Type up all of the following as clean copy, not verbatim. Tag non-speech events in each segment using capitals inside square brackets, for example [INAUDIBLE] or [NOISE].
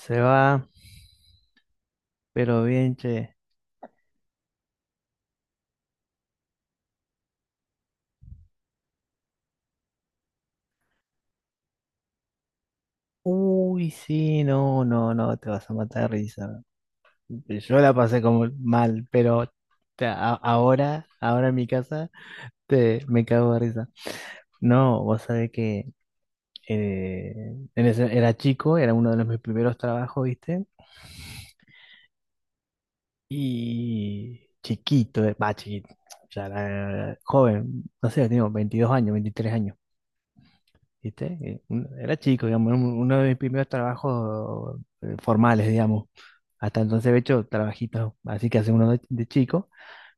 Se va, pero bien, che. Uy, sí, no, no, no, te vas a matar de risa. Yo la pasé como mal, pero ahora, en mi casa, me cago de risa. No, vos sabés que eh, era chico, era uno de los mis primeros trabajos, ¿viste? Y chiquito, chiquito, ya era joven, no sé, tengo 22 años, 23 años. ¿Viste? Era chico, digamos, era uno de mis primeros trabajos formales, digamos. Hasta entonces había hecho trabajitos, así que hace uno de chico,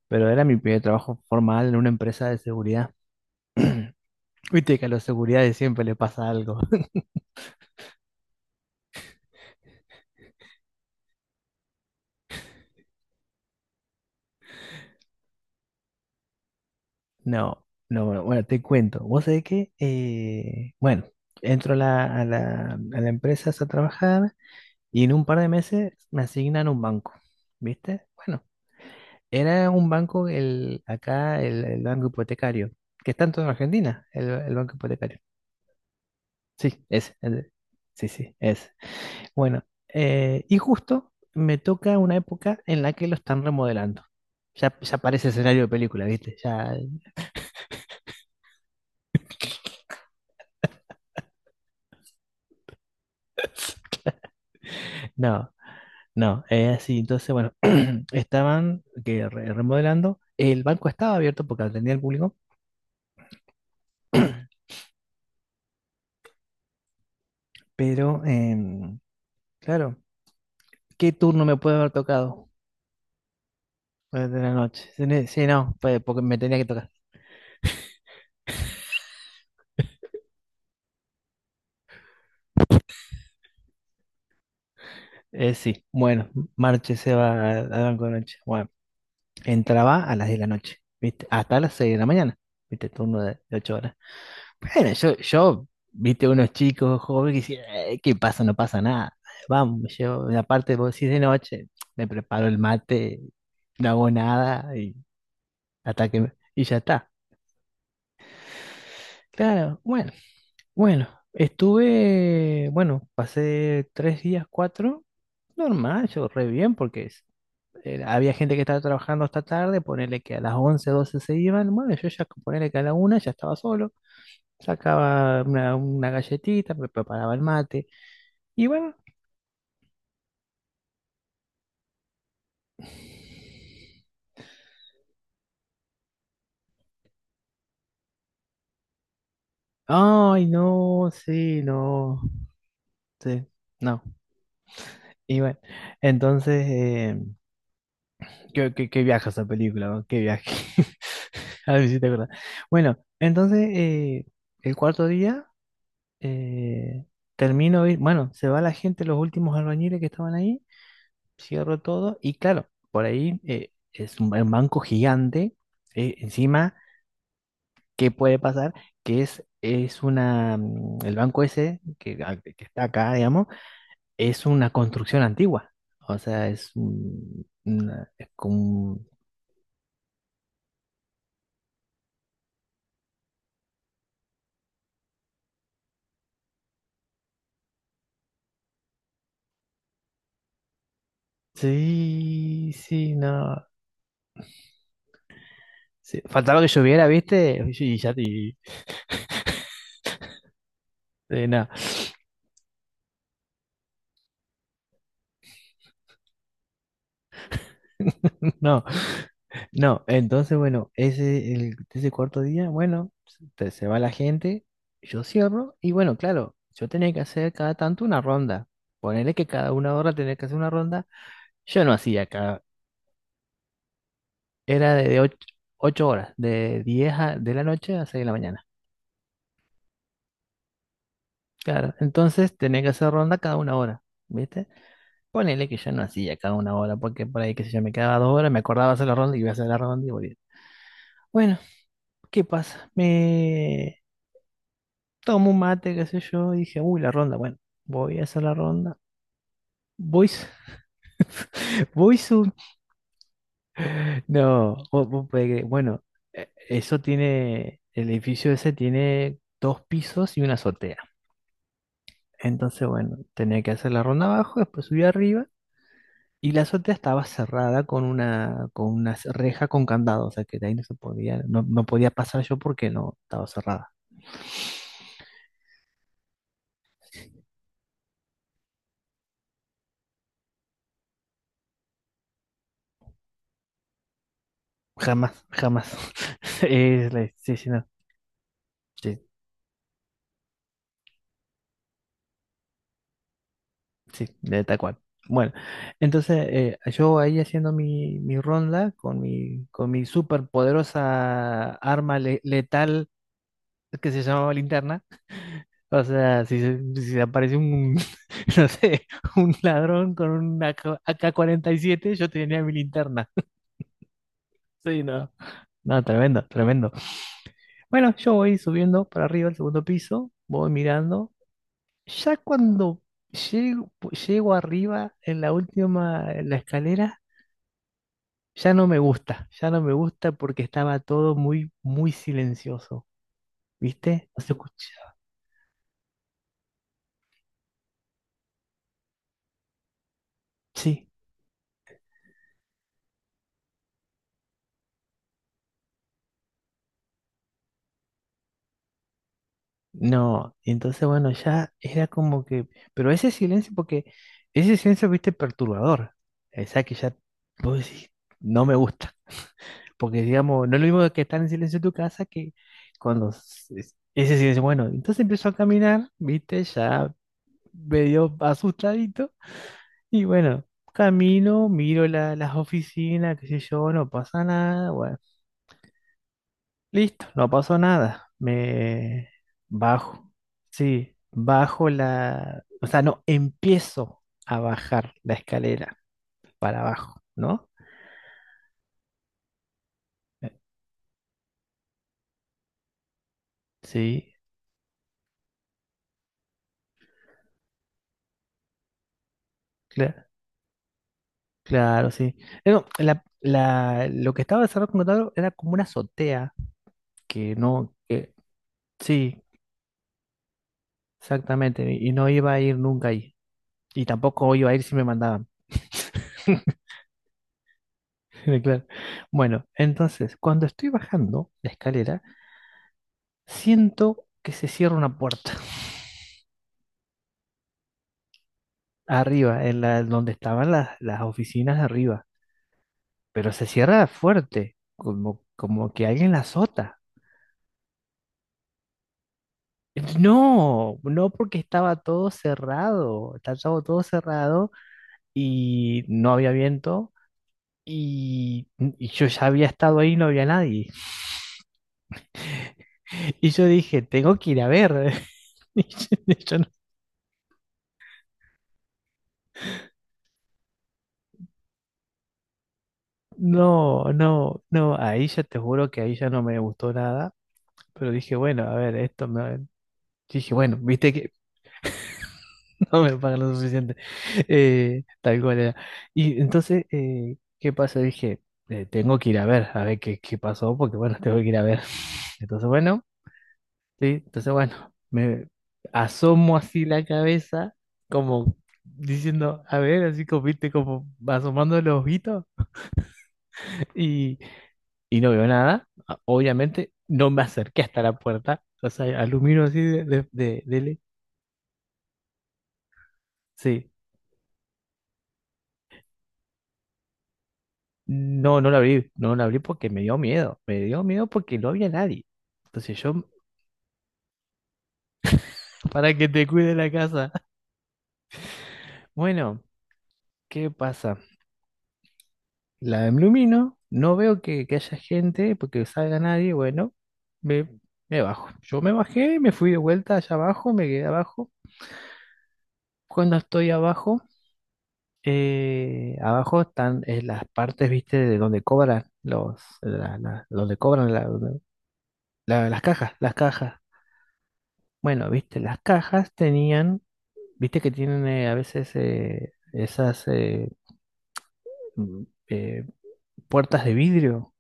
pero era mi primer trabajo formal en una empresa de seguridad. Viste que a los seguridades siempre le pasa algo. [LAUGHS] No, no, bueno, bueno, te cuento. Vos sabés que, bueno, entro a la empresa a trabajar y en un par de meses me asignan un banco, ¿viste? Bueno, era un banco, acá, el banco hipotecario, que está en toda Argentina, el banco hipotecario. Sí, ese. Sí, sí, ese. Bueno, y justo me toca una época en la que lo están remodelando. Ya parece escenario de película, ¿viste? Ya, no, no, es así. Entonces, bueno, [CLEARS THROAT] estaban que remodelando. El banco estaba abierto porque atendía al público, pero, claro, ¿qué turno me puede haber tocado? Pues de la noche. Sí, sí, no, pues, porque me tenía que tocar. Sí, bueno, Marche se va al banco de noche. Bueno, entraba a las 10 de la noche, ¿viste? Hasta las 6 de la mañana, ¿viste? Turno de 8 horas. Bueno, yo, ¿viste? Unos chicos jóvenes que dicen, ¿qué pasa? No pasa nada. Vamos, yo, y aparte, vos decís de noche, me preparo el mate, no hago nada y, hasta que, y ya está. Claro, bueno, bueno, bueno, pasé 3 días, cuatro. Normal, yo re bien, porque había gente que estaba trabajando hasta tarde, ponerle que a las 11 12 se iban, bueno, yo ya ponerle que a la una ya estaba solo, sacaba una galletita, me preparaba el mate, y bueno, ay, no, sí, no, sí, no, y bueno, entonces, qué viaje esa película, ¿no? Qué viaje, [LAUGHS] a ver si te acuerdas. Bueno, entonces, el cuarto día... eh, bueno, se va la gente, los últimos albañiles que estaban ahí, cierro todo y claro, por ahí es un banco gigante, encima, ¿qué puede pasar? Que es una, el banco ese que, que está acá, digamos, es una construcción antigua, o sea, es como... Sí, sí, no. Sí, faltaba que lloviera, ¿viste? [LAUGHS] Y ya te... no. [LAUGHS] No. No, entonces, bueno, ese, ese cuarto día, bueno, se va la gente, yo cierro, y bueno, claro, yo tenía que hacer cada tanto una ronda. Ponerle que cada una hora tenía que hacer una ronda. Yo no hacía era de 8 horas, de diez de la noche a 6 de la mañana. Claro, entonces tenía que hacer ronda cada una hora, ¿viste? Ponele que yo no hacía cada una hora, porque por ahí, qué sé yo, me quedaba 2 horas, me acordaba hacer la ronda y iba a hacer la ronda y volvía. Bueno, ¿qué pasa? Me... tomé un mate, qué sé yo, y dije, uy, la ronda, bueno, voy a hacer la ronda. Voy, su- [LAUGHS] voy su... No, vos podés creer, bueno, el edificio ese tiene 2 pisos y una azotea. Entonces, bueno, tenía que hacer la ronda abajo, después subí arriba, y la azotea estaba cerrada con una reja con candado, o sea que de ahí no se podía, no podía pasar yo porque no estaba cerrada. Jamás, jamás. [LAUGHS] Sí, sí, no. Sí. Sí, de tal cual. Bueno, entonces yo ahí haciendo mi ronda con mi súper poderosa arma letal que se llamaba linterna. O sea, si se aparece [LAUGHS] no sé, un ladrón con un AK-47 yo tenía mi linterna. [LAUGHS] Sí, no. No, tremendo, tremendo. Bueno, yo voy subiendo para arriba al segundo piso, voy mirando. Ya cuando llego arriba en la escalera. Ya no me gusta, ya no me gusta porque estaba todo muy, muy silencioso, ¿viste? No se escuchaba. Sí, no, entonces bueno, ya era como que, pero ese silencio, porque ese silencio, ¿viste? Perturbador. O sea que ya, vos decís, no me gusta, porque digamos, no es lo mismo que estar en silencio en tu casa que cuando ese silencio, bueno, entonces empiezo a caminar, ¿viste? Ya medio asustadito. Y bueno, camino, miro las oficinas, qué sé yo, no pasa nada. Bueno, listo, no pasó nada. Me bajo. Sí, O sea, no, empiezo a bajar la escalera para abajo, ¿no? Eh, Sí, cla- claro, sí. No, lo que estaba cerrado contrato era como una azotea, que no, sí, exactamente, y no iba a ir nunca ahí. Y tampoco iba a ir si me mandaban. [LAUGHS] Claro. Bueno, entonces, cuando estoy bajando la escalera, siento que se cierra una puerta [LAUGHS] arriba, donde estaban las oficinas de arriba, pero se cierra fuerte, como que alguien la azota. No, no porque estaba todo cerrado y no había viento y yo ya había estado ahí y no había nadie. [LAUGHS] Y yo dije, tengo que ir a ver. [LAUGHS] Y yo, No, no, no, ahí ya te juro que ahí ya no me gustó nada, pero dije, bueno, a ver, esto me... Dije, bueno, viste que [LAUGHS] no me pagan lo suficiente, tal cual era. Y entonces, ¿qué pasó? Dije, tengo que ir a ver qué pasó, porque bueno, tengo que ir a ver. [LAUGHS] Entonces, bueno, sí, me asomo así la cabeza, como diciendo, a ver, así como, viste, como asomando los ojitos, y y no veo nada. Obviamente, no me acerqué hasta la puerta. O sea, aluminio así dele. Sí. No, no la abrí. No la abrí porque me dio miedo. Me dio miedo porque no había nadie. Entonces yo, para que te cuide la casa. [LAUGHS] Bueno, ¿qué pasa? La ilumino. No veo que haya gente porque salga nadie. Bueno, me, me bajo. Yo me bajé, me fui de vuelta allá abajo, me quedé abajo. Cuando estoy abajo. Abajo están las partes, viste, de donde cobran los, la- la- donde cobran las cajas, las cajas. Bueno, viste, las cajas viste que tienen a veces esas mm, eh, puertas de vidrio.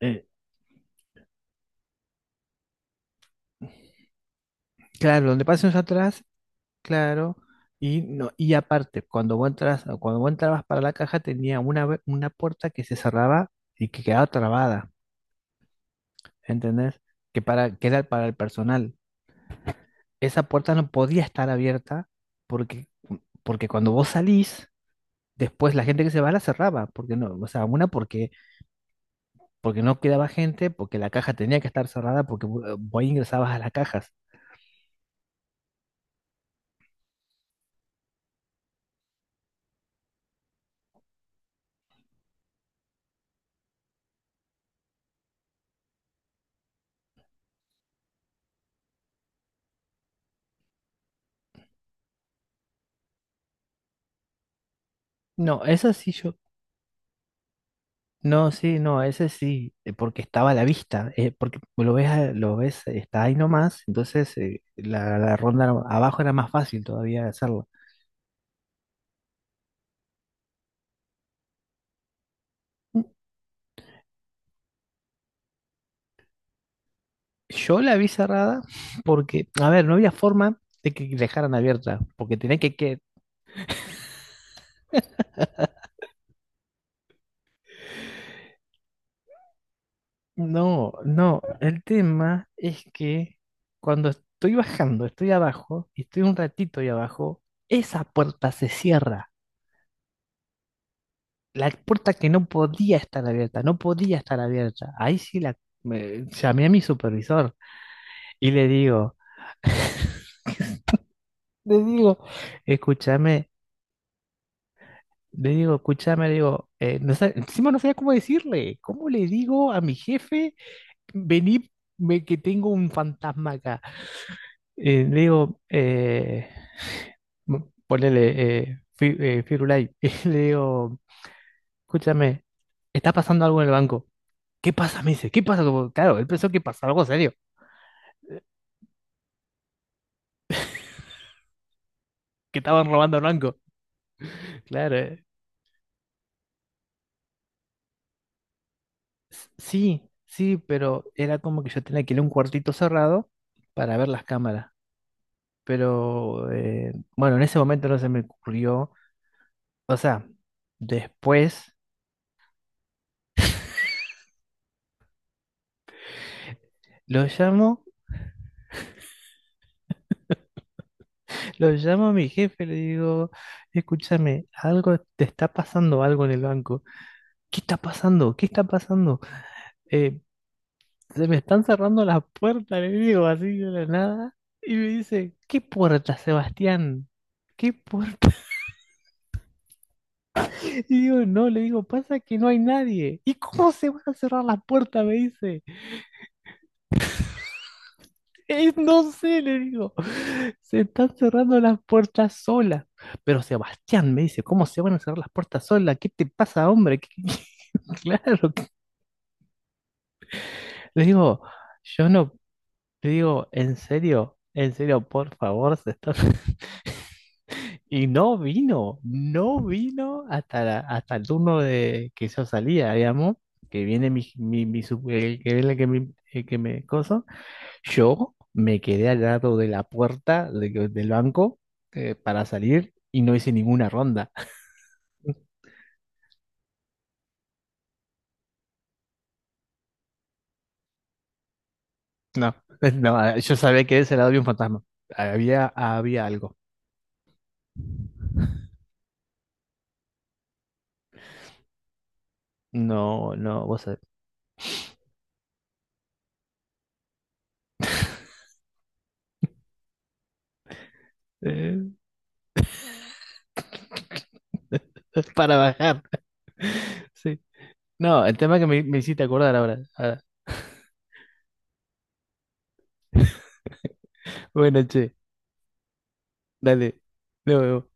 Eh, claro, donde pasen atrás, claro. Y, no, y aparte, cuando vos entrabas para la caja, tenía una puerta que se cerraba y que quedaba trabada, ¿entendés? Que era para el personal. Esa puerta no podía estar abierta porque, porque cuando vos salís, después la gente que se va la cerraba, porque no, o sea, una porque no quedaba gente, porque la caja tenía que estar cerrada, porque vos ingresabas a las cajas. No, esa sí yo, no, sí, no, ese sí, porque estaba a la vista, porque lo ves, lo ves, está ahí nomás, entonces la ronda abajo era más fácil todavía de hacerla. Yo la vi cerrada porque, a ver, no había forma de que dejaran abierta, porque tenía que No, no, el tema es que cuando estoy bajando, estoy abajo y estoy un ratito ahí abajo, esa puerta se cierra. La puerta que no podía estar abierta, no podía estar abierta. Ahí sí la llamé a mi supervisor y le digo, le digo, escúchame, le digo, escúchame, no sé, encima no sabía cómo decirle, ¿cómo le digo a mi jefe, vení, que tengo un fantasma acá? Digo, [LAUGHS] ponele Firulai, [LAUGHS] y le digo, escúchame, está pasando algo en el banco. ¿Qué pasa? Me dice, ¿qué pasa? Como, claro, él pensó que pasó algo serio, que estaban robando el banco. Claro, sí, sí, pero era como que yo tenía que ir a un cuartito cerrado para ver las cámaras. Pero bueno, en ese momento no se me ocurrió. O sea, después lo llamo. Lo llamo a mi jefe, le digo, escúchame, algo te está pasando, algo en el banco. ¿Qué está pasando? ¿Qué está pasando? Eh, se me están cerrando las puertas, le digo así de la nada. Y me dice, ¿qué puerta, Sebastián? ¿Qué puerta? [LAUGHS] Y digo, no, le digo, pasa que no hay nadie. ¿Y cómo se van a cerrar las puertas? Me dice. No sé, le digo. Se están cerrando las puertas solas. Pero Sebastián me dice, ¿cómo se van a cerrar las puertas solas? ¿Qué te pasa, hombre? [LAUGHS] Claro, le digo, yo no, le digo, en serio, por favor, [LAUGHS] Y no vino hasta, hasta el turno de que yo salía, digamos, que viene el que me coso. Yo me quedé al lado de la puerta del banco para salir y no hice ninguna ronda. No, [LAUGHS] no, yo sabía que de ese lado había un fantasma. Había algo. No, no, vos sabés. [LAUGHS] Para bajar. Sí. No, el tema que me hiciste acordar ahora. Ahora. Bueno, che, dale. Luego